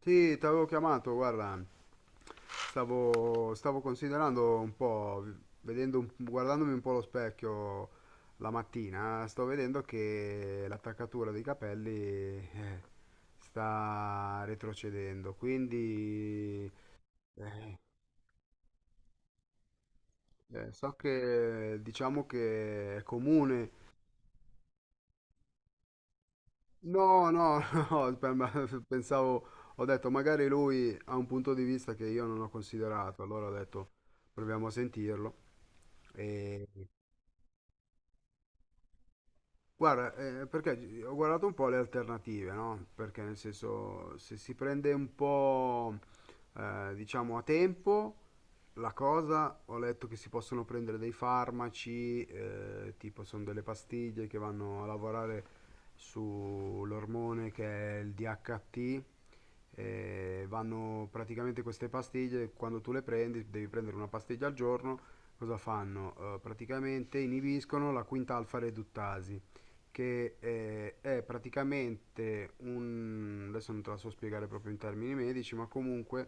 Sì, ti avevo chiamato, guarda, stavo considerando un po', vedendo, guardandomi un po' allo specchio la mattina, sto vedendo che l'attaccatura dei capelli sta retrocedendo, quindi eh, so che diciamo che è comune. No, no, no, pensavo, ho detto magari lui ha un punto di vista che io non ho considerato, allora ho detto proviamo a sentirlo. E, guarda, perché ho guardato un po' le alternative, no? Perché nel senso, se si prende un po', diciamo, a tempo, la cosa, ho letto che si possono prendere dei farmaci, tipo sono delle pastiglie che vanno a lavorare sull'ormone che è il DHT, e vanno praticamente queste pastiglie, quando tu le prendi, devi prendere una pastiglia al giorno, cosa fanno? Praticamente inibiscono la quinta alfa reduttasi, che è praticamente un. Adesso non te la so spiegare proprio in termini medici, ma comunque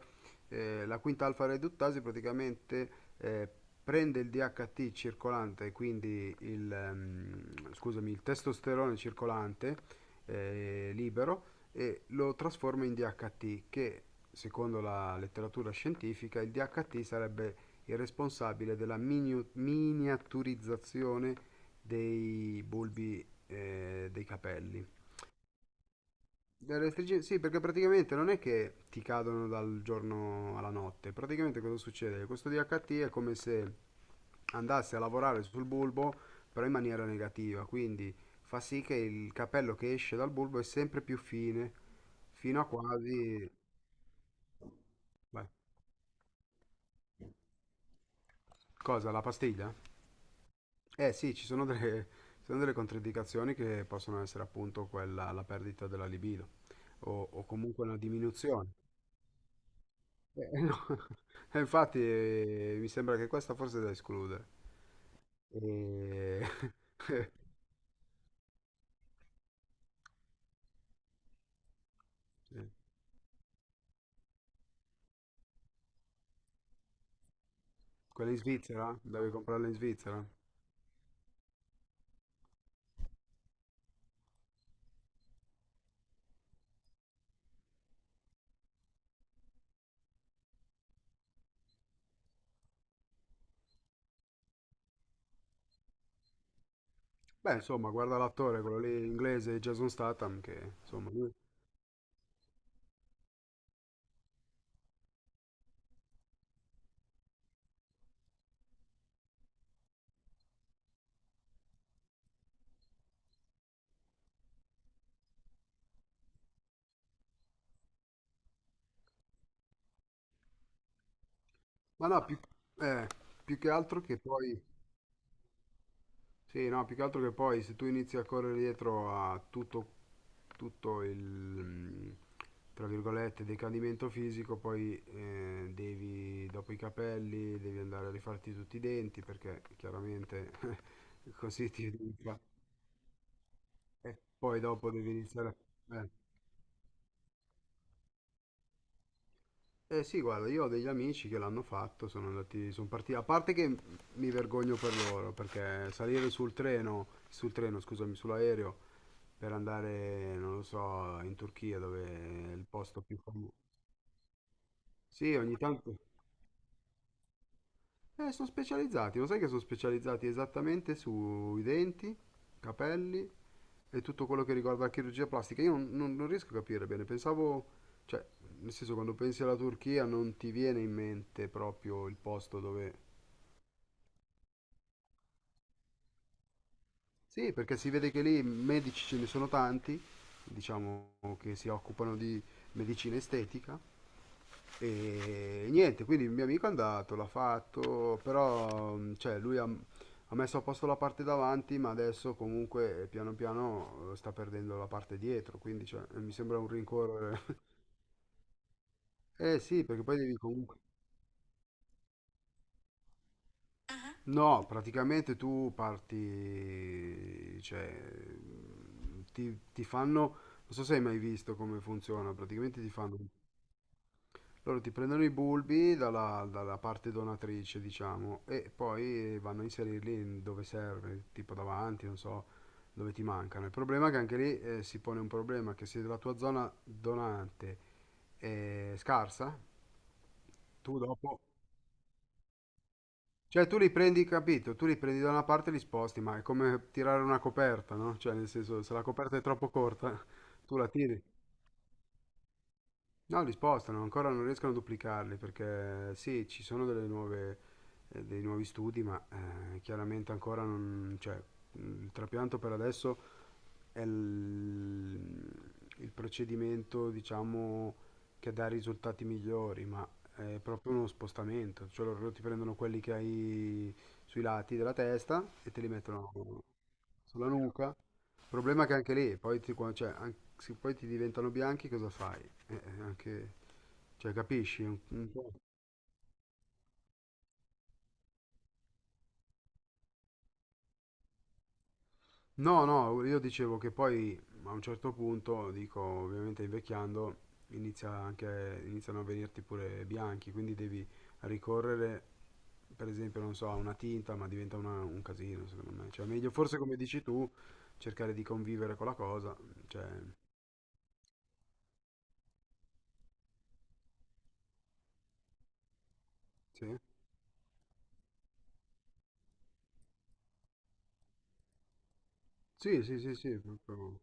la quinta alfa reduttasi praticamente eh, prende il DHT circolante, quindi il, scusami, il testosterone circolante libero e lo trasforma in DHT che secondo la letteratura scientifica il DHT sarebbe il responsabile della miniaturizzazione dei bulbi dei capelli. L'elettricità, sì, perché praticamente non è che ti cadono dal giorno alla notte, praticamente cosa succede? Questo DHT è come se andasse a lavorare sul bulbo, però in maniera negativa, quindi fa sì che il capello che esce dal bulbo è sempre più fine, fino a quasi. Beh, cosa? La pastiglia? Eh sì, ci sono delle controindicazioni che possono essere appunto quella, la perdita della libido, o comunque una diminuzione. No. E infatti, mi sembra che questa forse è da escludere. E... Quella in Svizzera? Devi comprarla in Svizzera? Beh, insomma, guarda l'attore, quello lì inglese, Jason Statham, che insomma. Ma no, eh, più che altro che poi. Sì, no, più che altro che poi se tu inizi a correre dietro a tutto il tra virgolette decadimento fisico, poi devi dopo i capelli devi andare a rifarti tutti i denti perché chiaramente così ti rifa e poi dopo devi iniziare. Eh sì, guarda, io ho degli amici che l'hanno fatto, sono andati, sono partiti, a parte che mi vergogno per loro, perché salire sul treno, scusami, sull'aereo, per andare, non lo so, in Turchia, dove è il posto più famoso. Sì, ogni tanto. Sono specializzati, lo sai che sono specializzati esattamente sui denti, capelli e tutto quello che riguarda la chirurgia plastica. Io non riesco a capire bene, pensavo, cioè, nel senso, quando pensi alla Turchia non ti viene in mente proprio il posto dove. Sì, perché si vede che lì medici ce ne sono tanti, diciamo che si occupano di medicina estetica e niente, quindi il mio amico è andato, l'ha fatto, però cioè, lui ha messo a posto la parte davanti, ma adesso comunque piano piano sta perdendo la parte dietro, quindi cioè, mi sembra un rincorrere. Eh sì, perché poi devi comunque. No, praticamente tu parti, cioè, ti fanno, non so se hai mai visto come funziona, praticamente ti fanno, loro ti prendono i bulbi dalla parte donatrice, diciamo, e poi vanno a inserirli in dove serve, tipo davanti, non so, dove ti mancano. Il problema è che anche lì si pone un problema, che se la tua zona donante è scarsa, tu dopo. Cioè tu li prendi, capito? Tu li prendi da una parte e li sposti, ma è come tirare una coperta, no? Cioè nel senso, se la coperta è troppo corta, tu la tiri. No, li spostano, ancora non riescono a duplicarli, perché sì, ci sono delle nuove, dei nuovi studi, ma chiaramente ancora non. Cioè, il trapianto per adesso è il procedimento, diciamo, che dà risultati migliori, ma è proprio uno spostamento, cioè loro ti prendono quelli che hai sui lati della testa e te li mettono sulla nuca. Il problema è che anche lì, poi cioè, se poi ti diventano bianchi, cosa fai? Anche, cioè, capisci? Un po'. No, no, io dicevo che poi a un certo punto, dico, ovviamente invecchiando, iniziano a venirti pure bianchi, quindi devi ricorrere, per esempio, non so, a una tinta, ma diventa un casino, secondo me. Cioè, meglio forse come dici tu, cercare di convivere con la cosa, cioè, sì. Sì, sì, sì, sì, proprio.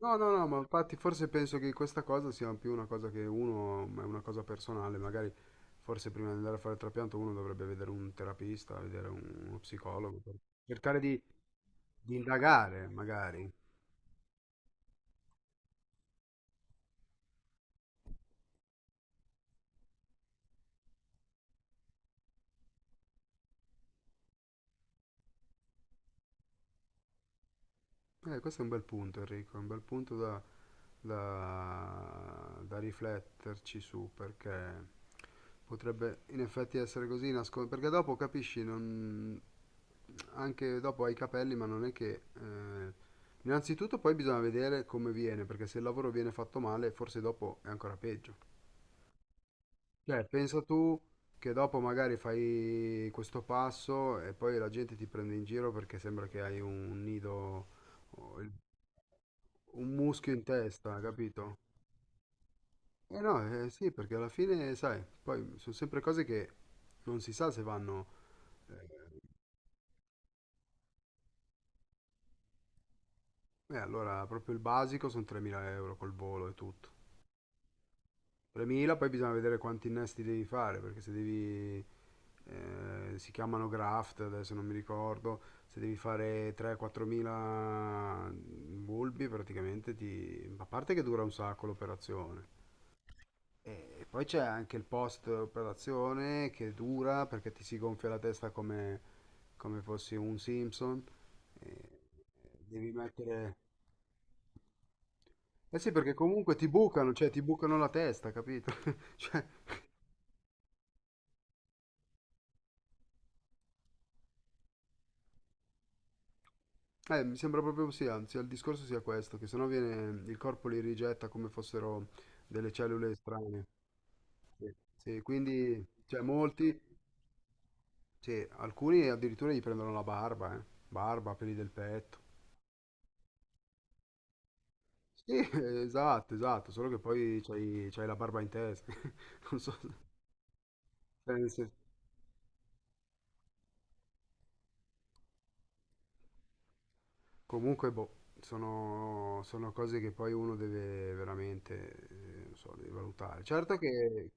No, no, no, ma infatti forse penso che questa cosa sia più una cosa che uno, ma è una cosa personale, magari forse prima di andare a fare il trapianto uno dovrebbe vedere un terapista, vedere uno psicologo, per cercare di indagare magari. Questo è un bel punto Enrico, è un bel punto da rifletterci su, perché potrebbe in effetti essere così, perché dopo capisci, anche dopo hai i capelli, ma non è che. Innanzitutto poi bisogna vedere come viene, perché se il lavoro viene fatto male, forse dopo è ancora peggio. Certo. Pensa tu che dopo magari fai questo passo e poi la gente ti prende in giro perché sembra che hai un nido, o un muschio in testa, capito? Eh no, eh sì, perché alla fine, sai, poi sono sempre cose che non si sa se vanno. Eh, allora, proprio il basico sono 3.000 euro col volo e tutto. 3.000, poi bisogna vedere quanti innesti devi fare, perché se devi, si chiamano graft, adesso non mi ricordo, se devi fare 3-4000 bulbi praticamente ti. A parte che dura un sacco l'operazione. E poi c'è anche il post operazione che dura perché ti si gonfia la testa come fossi un Simpson. E devi mettere. Eh sì, perché comunque ti bucano, cioè ti bucano la testa, capito? Cioè, mi sembra proprio sì, anzi, il discorso sia questo, che sennò viene, il corpo li rigetta come fossero delle cellule strane. Sì, sì, quindi, cioè, molti, sì, alcuni addirittura gli prendono la barba, eh. Barba, peli del petto. Sì, esatto, esatto, solo che poi c'hai la barba in testa. Non so, cioè, comunque, boh, sono cose che poi uno deve veramente, non so, deve valutare. Certo che.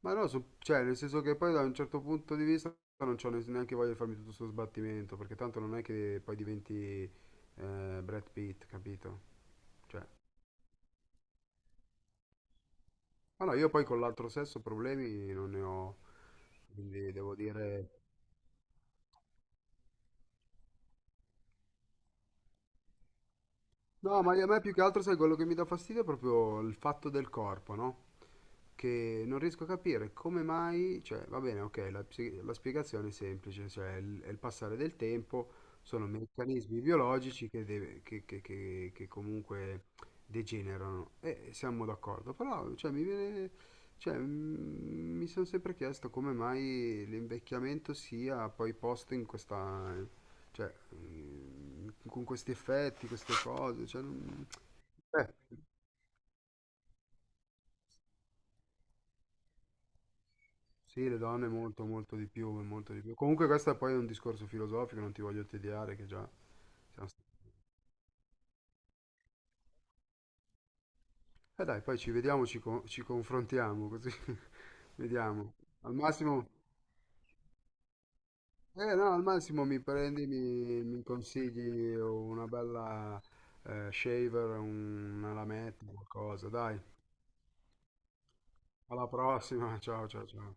Ma no, cioè, nel senso che poi da un certo punto di vista non c'ho neanche voglia di farmi tutto questo sbattimento, perché tanto non è che poi diventi Brad Pitt, capito? Cioè, ma no, io poi con l'altro sesso problemi non ne ho, quindi devo dire. No, ma a me più che altro, sai, quello che mi dà fastidio è proprio il fatto del corpo, no? Che non riesco a capire come mai, cioè, va bene, ok, la spiegazione è semplice, cioè è il passare del tempo, sono meccanismi biologici che, deve- che comunque degenerano, e siamo d'accordo, però, cioè, mi viene, cioè, mi sono sempre chiesto come mai l'invecchiamento sia poi posto in questa, cioè, con questi effetti, queste cose, cioè. eh, sì, le donne molto, molto di più, molto di più. Comunque questo poi è un discorso filosofico, non ti voglio tediare, che già siamo st- dai, poi ci vediamo, ci confrontiamo, così vediamo. Al massimo, eh no, al massimo mi prendi, mi consigli una bella shaver, una lametta, qualcosa, dai. Alla prossima, ciao, ciao, ciao.